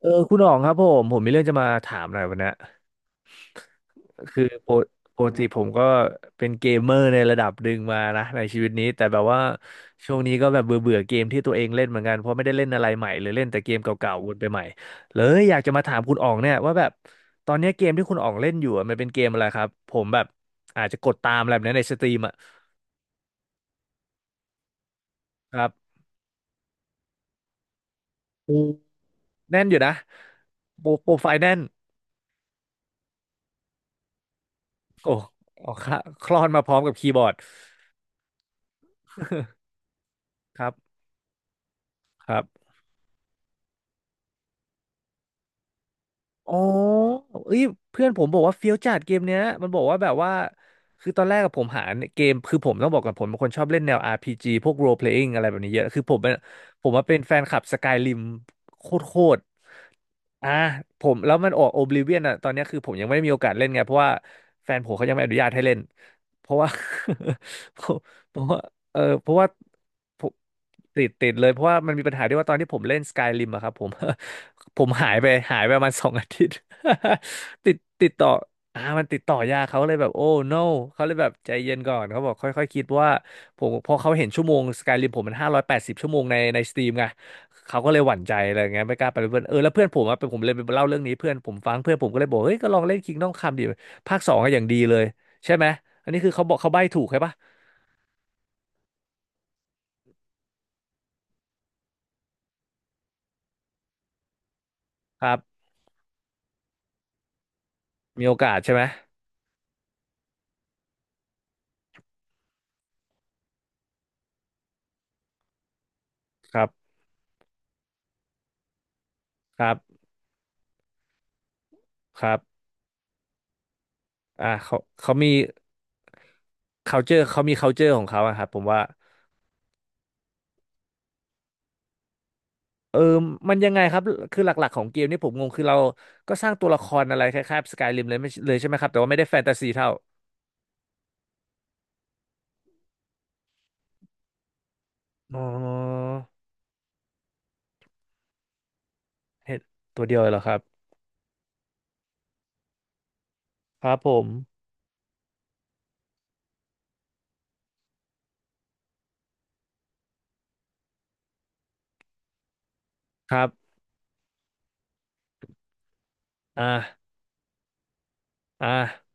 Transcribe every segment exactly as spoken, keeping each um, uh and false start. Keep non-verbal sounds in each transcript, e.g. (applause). เออคุณอ๋องครับผมผมมีเรื่องจะมาถามหน่อยวันเนี้ยคือปกปกติผมก็เป็นเกมเมอร์ในระดับหนึ่งมานะในชีวิตนี้แต่แบบว่าช่วงนี้ก็แบบเบื่อเบื่อเกมที่ตัวเองเล่นเหมือนกันเพราะไม่ได้เล่นอะไรใหม่เลยเล่นแต่เกมเก่าๆวนไปใหม่เลยอยากจะมาถามคุณอ๋องเนี่ยว่าแบบตอนเนี้ยเกมที่คุณอ๋องเล่นอยู่อะมันเป็นเกมอะไรครับผมแบบอาจจะกดตามอะไรแบบนี้ในสตรีมอ่ะครับโอืแน่นอยู่นะโปรโปรไฟล์แน่นโอ้ออกค่ะคลอนมาพร้อมกับคีย์บอร์ดครับ อ๋อเอ้ยเพื่อนผมบอกว่าเฟี้ยวจัดเกมเนี้ยมันบอกว่าแบบว่าคือตอนแรกกับผมหาเกมคือผมต้องบอกกับผมเป็นคนชอบเล่นแนว อาร์ พี จี พจีพวก role playing อะไรแบบนี้เยอะคือผมเป็นผมว่าเป็นแฟนคลับ Skyrim โคตรโคตร อ่าผมแล้วมันออก Oblivion อ่ะตอนเนี้ยคือผมยังไม่ได้มีโอกาสเล่นไงเพราะว่าแฟนผมเขายังไม่อนุญาตให้เล่นเพราะว่า (laughs) เพราะเพราะว่าเออเพราะว่าผมติดติดเลยเพราะว่ามันมีปัญหาที่ว่าตอนที่ผมเล่น Skyrim อะครับผม (laughs) ผมหายไปหายไปประมาณ (laughs) สองอาทิตย์ (laughs) ติดติดต่ออ่ามันติดต่อยากเขาเลยแบบโอ้ no เขาเลยแบบใจเย็นก่อนเขาบอกค่อยๆคิดเพราะว่าผมพอเขาเห็นชั่วโมง Skyrim ผมมันห้าร้อยแปดสิบชั่วโมงในในสตีมไง เขาก็เลยหวั่นใจอะไรเงี้ยไม่กล้าไปเป็นเพื่อนเออแล้วเพื่อนผมอะเป็นผมเลยไปเล่าเรื่องนี้เพื่อนผมฟังเพื่อนผมก็เลยบอกเฮ้ยก็ลองเล่น Kingdom Come ดิภาคสองอะอย่างดีเลยใช่ไหมอันนี้คือเขาบอกเขาใบ้ถูกใช่ปะครับมีโอกาสใช่ไหมครับครับครับอ่าเขาเขามี culture เขามี culture ของเขาอะครับผมว่าเออมันยังไงครับคือหลักๆของเกมนี่ผมงงคือเราก็สร้างตัวละครอะไรคล้ายๆสกายริมเลยไม่เลยใช่ไหมครับแต่ว่าไม่ได้แฟนตาซีเท่าอ๋อเห็นตัวเดียวเลยเหรอครับครับผมครับอ่า อ่า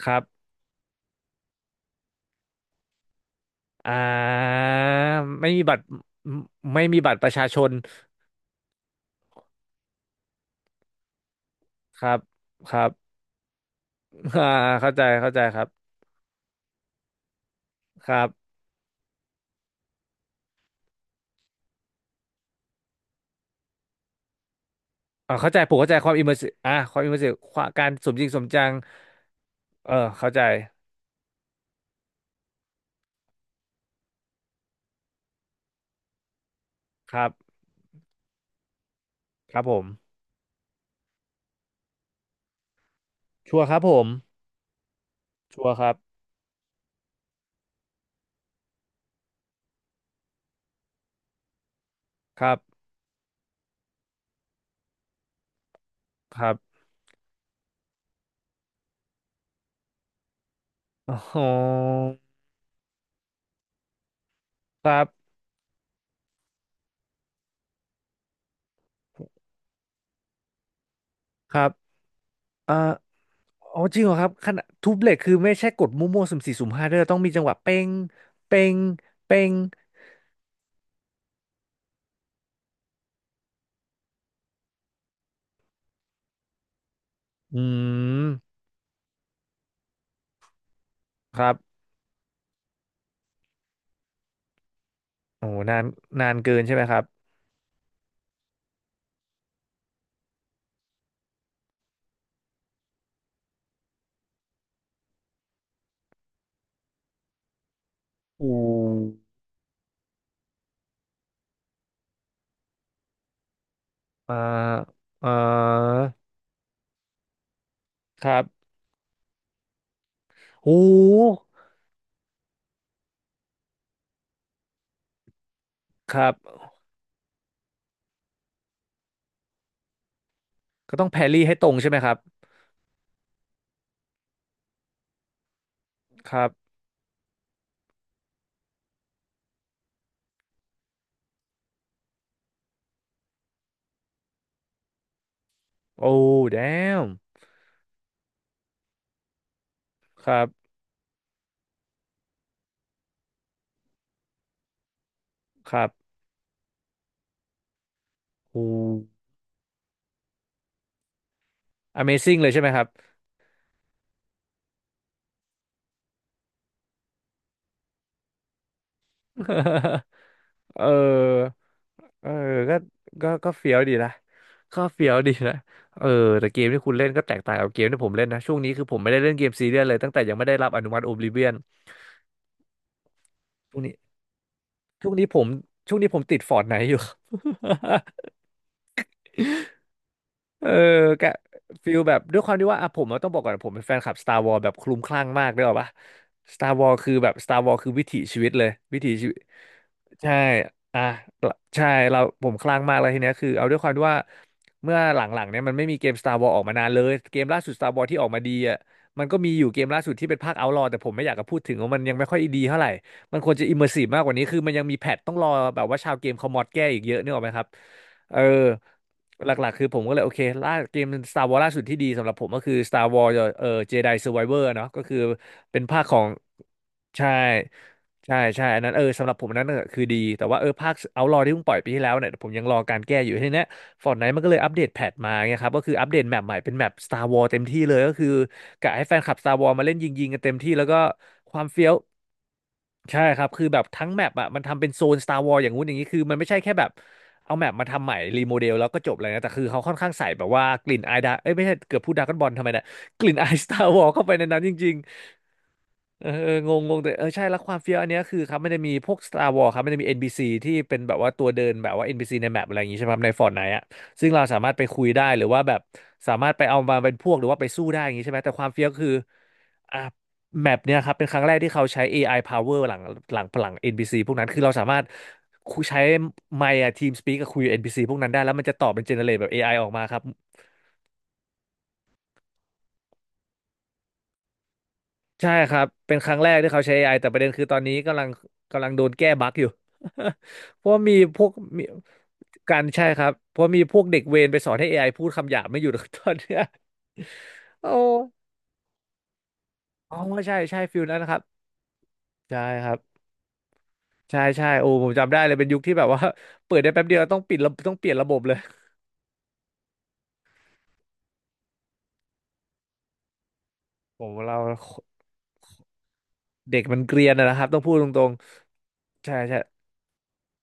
ครับอ่าไม่มีบัตรไม่มีบัตรประชาชนครับครับอ่าเข้าใจเข้าใจครับครับอ่าเข้าใจผมเข้าใจความอิมเมอร์ซีอ่าความอิมเมอร์ซีการสมจริงสมจังเออเข้าใจครับครับผมชัวร์ครับผมชัวร์ครับครับครับอ๋อครับครับอ่าอ๋อจริงเหรอครับขนาดทุบเหล็กคือไม่ใช่กดมั่วๆสุ่มสี่สุ่มห้าด้วยต้องมีจังหวะเป้งเป้งเป้งอืมครับ โอ้โหนานนานเกินใช่ไหมครับโอ้มอ่าอ่าครับโอ้ครับก็ต้องแพรรี่ให้ตรงใช่ไหมครับครับโอ้ damn ครับครับโอ้ Amazing เลยใช่ไหมครับ (laughs) เออเออก็ก็ก็เฟี้ยวดีนะก็เฟี้ยวดีนะเออแต่เกมที่คุณเล่นก็แตกต่างกับเกมที่ผมเล่นนะช่วงนี้คือผมไม่ได้เล่นเกมซีเรียสเลยตั้งแต่ยังไม่ได้รับอนุมัติ Oblivion ช่วงนี้ ช่วงนี้ผมช่วงนี้ผมติดฟอร์ n ไน e อยู่ครับ (laughs) เออกะฟิลแบบด้วยความที่ว่าอ่ะผมอะต้องบอกก่อนผมเป็นแฟนคลับ Star Wars แบบคลุ้มคลั่งมากด้วยหรอปะ Star Wars คือแบบ Star Wars คือวิถีชีวิตเลยวิถีชีวิตใช่อ่ะใช่เราผมคลั่งมากเลยทีเนี้ยคือเอาด้วยความที่ว่าเมื่อหลังๆเนี่ยมันไม่มีเกม Star Wars ออกมานานเลยเกมล่าสุด Star Wars ที่ออกมาดีอ่ะมันก็มีอยู่เกมล่าสุดที่เป็นภาค Outlaw แต่ผมไม่อยากจะพูดถึงว่ามันยังไม่ค่อยดีเท่าไหร่มันควรจะ immersive มากกว่านี้คือมันยังมีแพทต้องรอแบบว่าชาวเกมเขามอดแก้อีกเยอะนึกออกไหมครับเออ หลักๆคือผมก็เลยโอเคล่าเกม Star Wars ล่าสุดที่ดีสำหรับผมก็คือ Star Wars เอ่อ Jedi Survivor เนาะก็คือเป็นภาคของใช่ใช่ใช่อันนั้นเออสำหรับผมอันนั้นน่ะคือดีแต่ว่าเออภาค Outlaw ที่เพิ่งปล่อยปีที่แล้วเนี่ยผมยังรอการแก้อยู่ทีเนี้ย Fortnite มันก็เลยอัปเดตแพทมาเงียครับก็คืออัปเดตแมปใหม่เป็นแมป Star Wars เต็มที่เลยก็คือกะให้แฟนคลับ Star Wars มาเล่นยิงๆกันเต็มที่แล้วก็ความเฟี้ยว ใช่ครับคือแบบทั้งแมปอ่ะมันทำเป็นโซน Star Wars อย่างงู้นอย่างนี้คือมันไม่ใช่แค่แบบเอาแมปมาทำใหม่รีโมเดลแล้วก็จบเลยนะแต่คือเขาค่อนข้างใส่แบบว่ากลิ่นอายดาเอ้ยไม่ใช่เกือบพูดดราก้อนบอลทำไมเนะกลิ่นอาย (laughs) Star Wars เข้าไปในนั้นจริง เออเอองงงงแต่เออใช่แล้วความเฟี้ยวอันเนี้ยคือครับมันจะมีพวก Star Wars ครับมันจะมี เอ็น พี ซี ที่เป็นแบบว่าตัวเดินแบบว่า เอ็น พี ซี ในแมปอะไรอย่างงี้ใช่ไหมครับใน Fortnite อ่ะซึ่งเราสามารถไปคุยได้หรือว่าแบบสามารถไปเอามาเป็นพวกหรือว่าไปสู้ได้อย่างงี้ใช่ไหมแต่ความเฟี้ยวคืออ่ะแมปเนี้ยครับเป็นครั้งแรกที่เขาใช้ เอ ไอ power หลังหลังหลัง เอ็น พี ซี พซีพวกนั้นคือเราสามารถคุยใช้ไมค์อะทีมสปีกกับคุยกับ เอ็น พี ซี พซีพวกนั้นได้แล้วมันจะตอบเป็นเจเนเรตแบบเอไอออกมาครับ ใช่ครับเป็นครั้งแรกที่เขาใช้เอไอแต่ประเด็นคือตอนนี้กำลังกำลังโดนแก้บั๊กอยู่ (laughs) เพราะมีพวกมีการใช่ครับเพราะมีพวกเด็กเวรไปสอนให้ เอ ไอ พูดคำหยาบไม่หยุด (laughs) ตอนเนี้ย (laughs) โอ้อ๋อใช่ใช่ฟิลนั้นนะครับใช่ครับใช่ใช่โอ้ผมจำได้เลยเป็นยุคที่แบบว่า (laughs) เปิดได้แป๊บเดียวต้องปิดระต้องเปลี่ยนระบบเลยผมเราเด็กมันเกรียนอะนะครับต้องพูดตรงๆใช่ใช่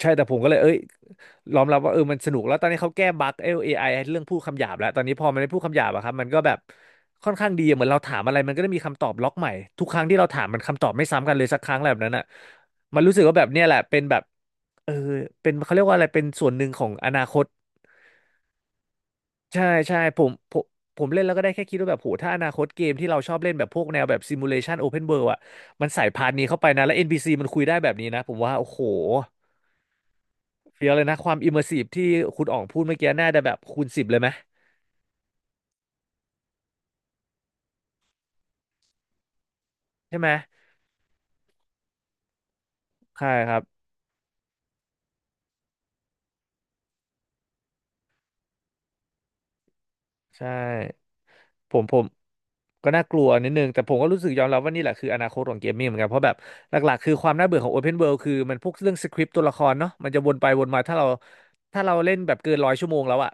ใช่แต่ผมก็เลยเอ้ยยอมรับว่าเออมันสนุกแล้วตอนนี้เขาแก้บั๊กเอ เอ ไอ เรื่องพูดคำหยาบแล้วตอนนี้พอมันไม่พูดคำหยาบอะครับมันก็แบบค่อนข้างดีเหมือนเราถามอะไรมันก็ได้มีคำตอบล็อกใหม่ทุกครั้งที่เราถามมันคำตอบไม่ซ้ำกันเลยสักครั้งอะไรแบบนั้นอะมันรู้สึกว่าแบบเนี่ยแหละเป็นแบบเออเป็นเขาเรียกว่าอะไรเป็นส่วนหนึ่งของอนาคตใช่ใช่ผมผมผมเล่นแล้วก็ได้แค่คิดว่าแบบโหถ้าอนาคตเกมที่เราชอบเล่นแบบพวกแนวแบบซิมูเลชันโอเพนเวิลด์อะมันใส่พาร์ทนี้เข้าไปนะแล้ว เอ็น พี ซี มันคุยได้แบบนี้นะผมว่าโอ้โห เฟี้ยวเลยนะความอิมเมอร์ซีฟที่คุณอ๋องพูดเมื่อกี้น่าจะแบบคูณสิบเลยไหมใช่ไหมใช่ครับใช่ผมผมก็น่ากลัวนิดนึงแต่ผมก็รู้สึกยอมรับว่านี่แหละคืออนาคตของเกมมิ่งเหมือนกันเพราะแบบหลักๆคือความน่าเบื่อของ Open World คือมันพวกเรื่องสคริปต์ตัวละครเนาะมันจะวนไปวนมาถ้าเราถ้าเราเล่นแบบเกินร้อยชั่วโมงแล้วอะ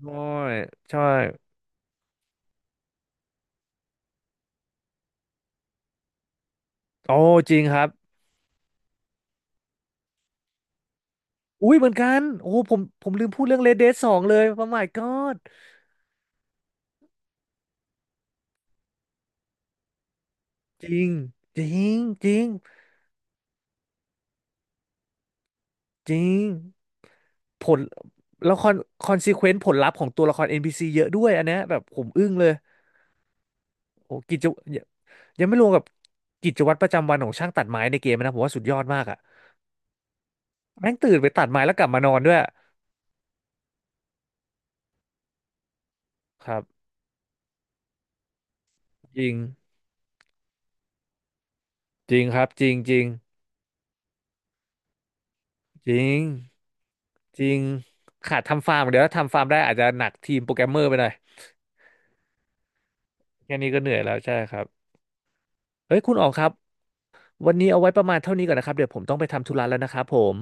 ใช่ใช่โอ้จริงครับอุ้ยเหมือนกันโอ้ผมผมลืมพูดเรื่อง Red Dead สองเลย Oh my god จริงจริงจริงจริง ผลแล้วคอนคอนซีเควนต์ผลลัพธ์ของตัวละคร เอ็น พี ซี เยอะด้วยอันเนี้ยแบบผมอึ้งเลยโอ้กิจวัตรยังยังไม่รวมกับกิจวัตรประจำวันของช่างตัดไม้ในเกมนะผมว่าสุดยอดมากอ่ะแม่งตื่นไปตัดไม้แล้วกลับมานอนด้วยครับจริงจริงครับจริงจริงจริงจริงขาดทำฟาร์มเดี๋ยวถ้าทำฟาร์มได้อาจจะหนักทีมโปรแกรมเมอร์ไปหน่อยแค่นี้ก็เหนื่อยแล้วใช่ครับเฮ้ยคุณออกครับวันนี้เอาไว้ประมาณเท่านี้ก่อนนะครับเดี๋ยวผมต้องไปทำธุระแล้วนะครับผม